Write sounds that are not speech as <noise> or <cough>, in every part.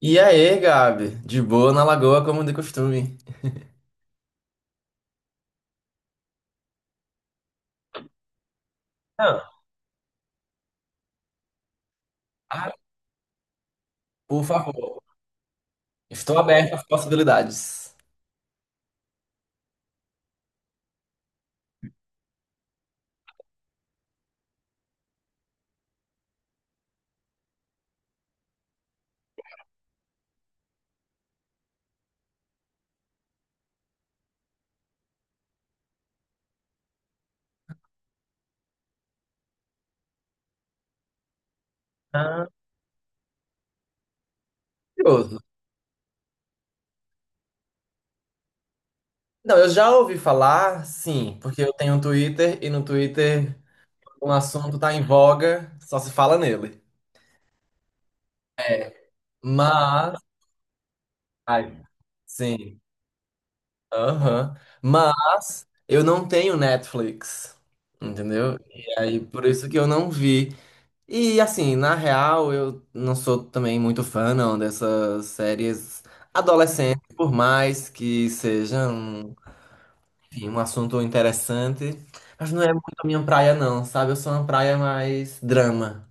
E aí, Gabi? De boa na lagoa, como de costume. Ah, ah, por favor, estou aberto às possibilidades. Ah, curioso. Não, eu já ouvi falar, sim, porque eu tenho um Twitter e no Twitter um assunto tá em voga, só se fala nele. Mas, ai, sim, aham. Mas eu não tenho Netflix, entendeu? E aí, por isso que eu não vi. E assim, na real, eu não sou também muito fã não dessas séries adolescentes, por mais que seja um, enfim, um assunto interessante, mas não é muito a minha praia não, sabe? Eu sou uma praia mais drama.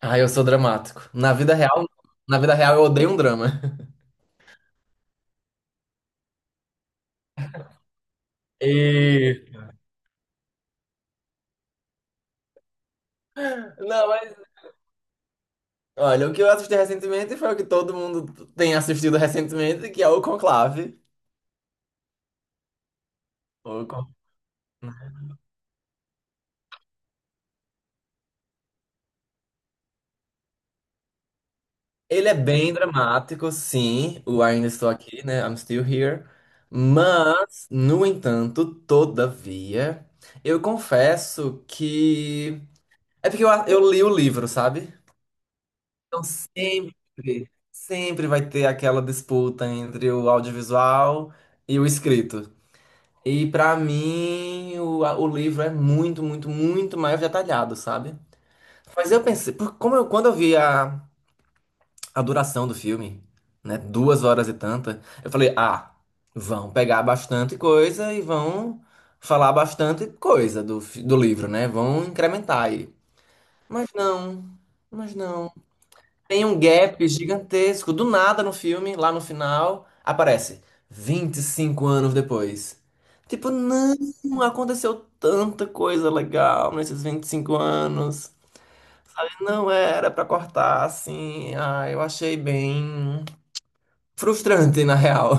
Ah, eu sou dramático. Na vida real eu odeio um drama. <laughs> E não, mas olha, o que eu assisti recentemente foi o que todo mundo tem assistido recentemente, que é o Conclave. O Conclave. Ele é bem dramático, sim, o Ainda Estou Aqui, né? I'm Still Here. Mas, no entanto, todavia, eu confesso que. É porque eu li o livro, sabe? Então sempre vai ter aquela disputa entre o audiovisual e o escrito. E pra mim, o livro é muito, muito, muito mais detalhado, sabe? Mas eu pensei, como eu, quando eu vi a duração do filme, né? Duas horas e tanta. Eu falei, ah, vão pegar bastante coisa e vão falar bastante coisa do livro, né? Vão incrementar aí. Mas não, mas não. Tem um gap gigantesco. Do nada no filme, lá no final, aparece 25 anos depois. Tipo, não, aconteceu tanta coisa legal nesses 25 anos. Não era pra cortar assim. Ah, eu achei bem. Frustrante, na real.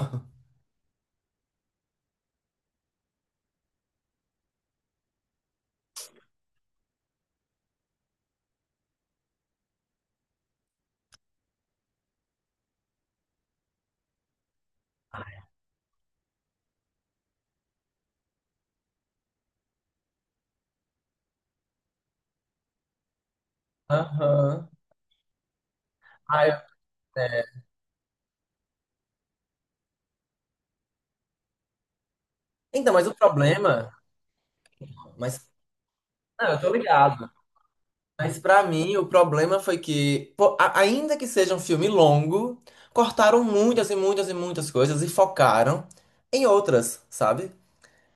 Aham. Ah, eu- é. Então, mas o problema. Mas, não, eu tô ligado. Mas para mim, o problema foi que, pô, ainda que seja um filme longo, cortaram muitas coisas e focaram em outras, sabe?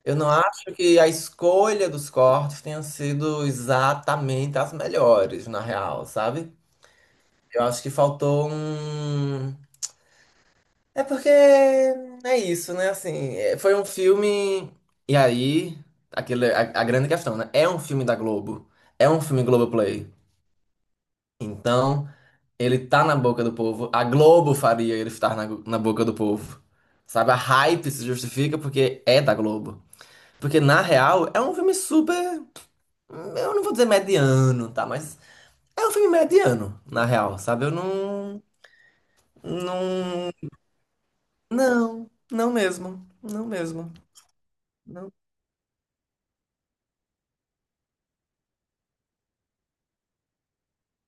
Eu não acho que a escolha dos cortes tenha sido exatamente as melhores, na real, sabe? Eu acho que faltou um. É porque é isso, né? Assim, é, foi um filme. E aí, aquele, a grande questão, né? É um filme da Globo. É um filme Globoplay. Então, ele tá na boca do povo. A Globo faria ele estar na boca do povo. Sabe? A hype se justifica porque é da Globo. Porque, na real, é um filme super. Eu não vou dizer mediano, tá? Mas é um filme mediano, na real, sabe? Eu não. Não. Não, não mesmo. Não mesmo.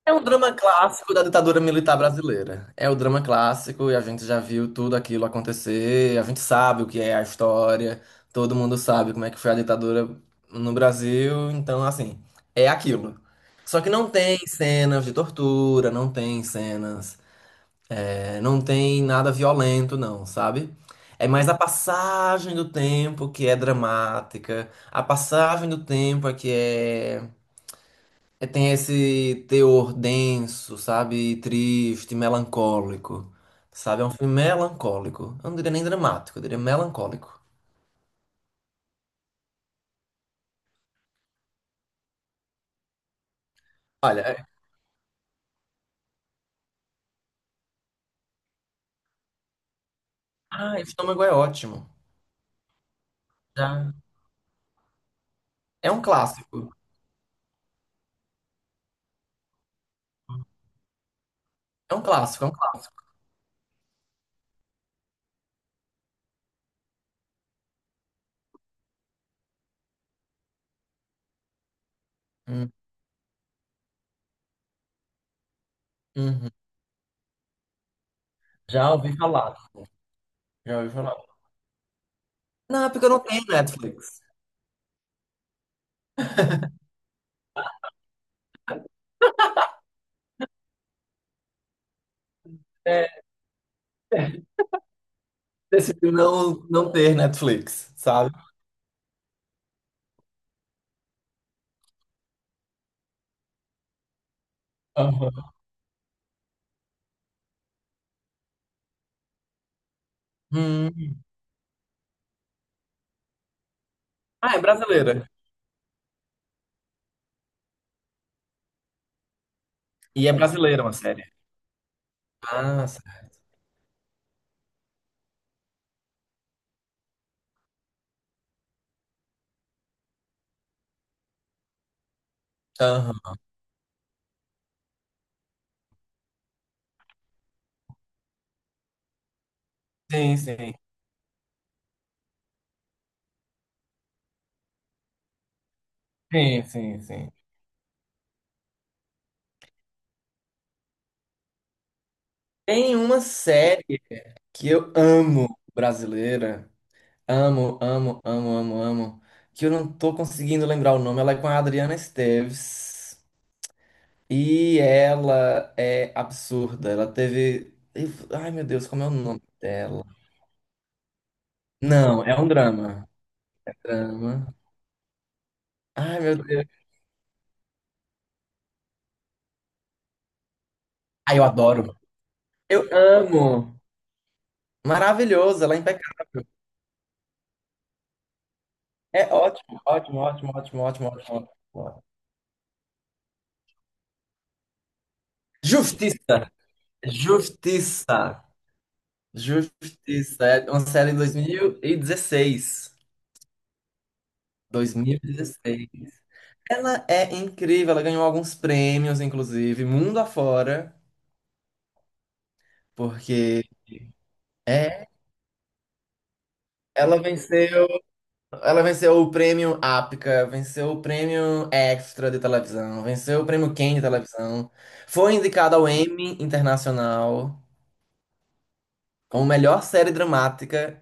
É um drama clássico da ditadura militar brasileira. É o drama clássico e a gente já viu tudo aquilo acontecer, a gente sabe o que é a história, todo mundo sabe como é que foi a ditadura no Brasil, então assim, é aquilo. Só que não tem cenas de tortura, não tem cenas, é, não tem nada violento, não, sabe? É mais a passagem do tempo que é dramática, a passagem do tempo é que é é, tem esse teor denso, sabe? Triste, melancólico. Sabe? É um filme melancólico. Eu não diria nem dramático, eu diria melancólico. Olha, é- ah, Estômago é ótimo. Já. É um clássico. É um clássico. Hum, uhum. Já ouvi falar. Já ouvi falar. Não, é porque eu não tenho Netflix. É, decidi não ter Netflix, sabe? Aham. Hum. Ah, é brasileira. E é brasileira uma série. Ah, certo. Aham. Sim, sim. Sim, sim, sim. Tem uma série que eu amo, brasileira. Amo, amo, amo, amo, amo. Que eu não tô conseguindo lembrar o nome. Ela é com a Adriana Esteves. E ela é absurda. Ela teve. Ai, meu Deus, como é o nome dela? Não, é um drama. Drama. Ai, meu Deus. Ai, eu adoro. Eu amo. Maravilhoso, ela é impecável. É ótimo, ótimo, ótimo, ótimo, ótimo, ótimo. Ótimo. Justiça. Justiça. Justiça, é uma série de dois mil e dezesseis, 2016. Ela é incrível, ela ganhou alguns prêmios, inclusive, mundo afora, porque é, ela venceu, ela venceu o prêmio APCA, venceu o prêmio Extra de televisão, venceu o prêmio Ken de televisão, foi indicada ao Emmy Internacional como melhor série dramática.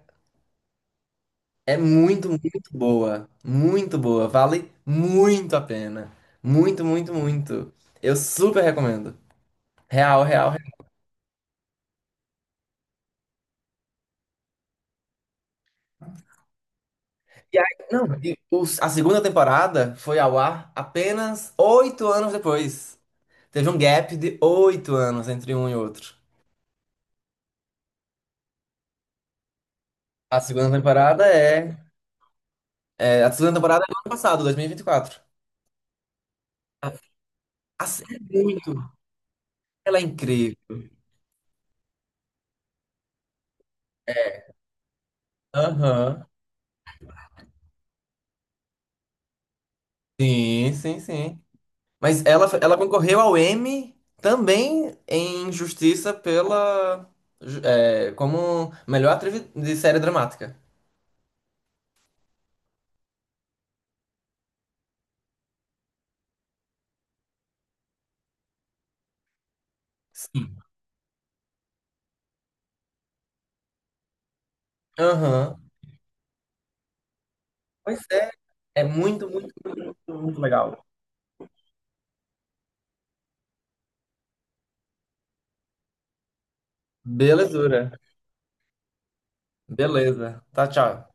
É muito, muito boa. Muito boa. Vale muito a pena. Muito, muito, muito. Eu super recomendo. Real, real, real. E aí, não, e a segunda temporada foi ao ar apenas 8 anos depois. Teve um gap de 8 anos entre um e outro. A segunda temporada é, a segunda temporada é do ano passado, 2024. A série é muito. Ela é incrível. Aham. Sim, sim, sim. Mas ela concorreu ao Emmy também em Justiça pela. É, como melhor atriz de série dramática. Sim. Aham. Pois é, é muito, muito, muito legal. Belezura. Beleza. Tá, tchau.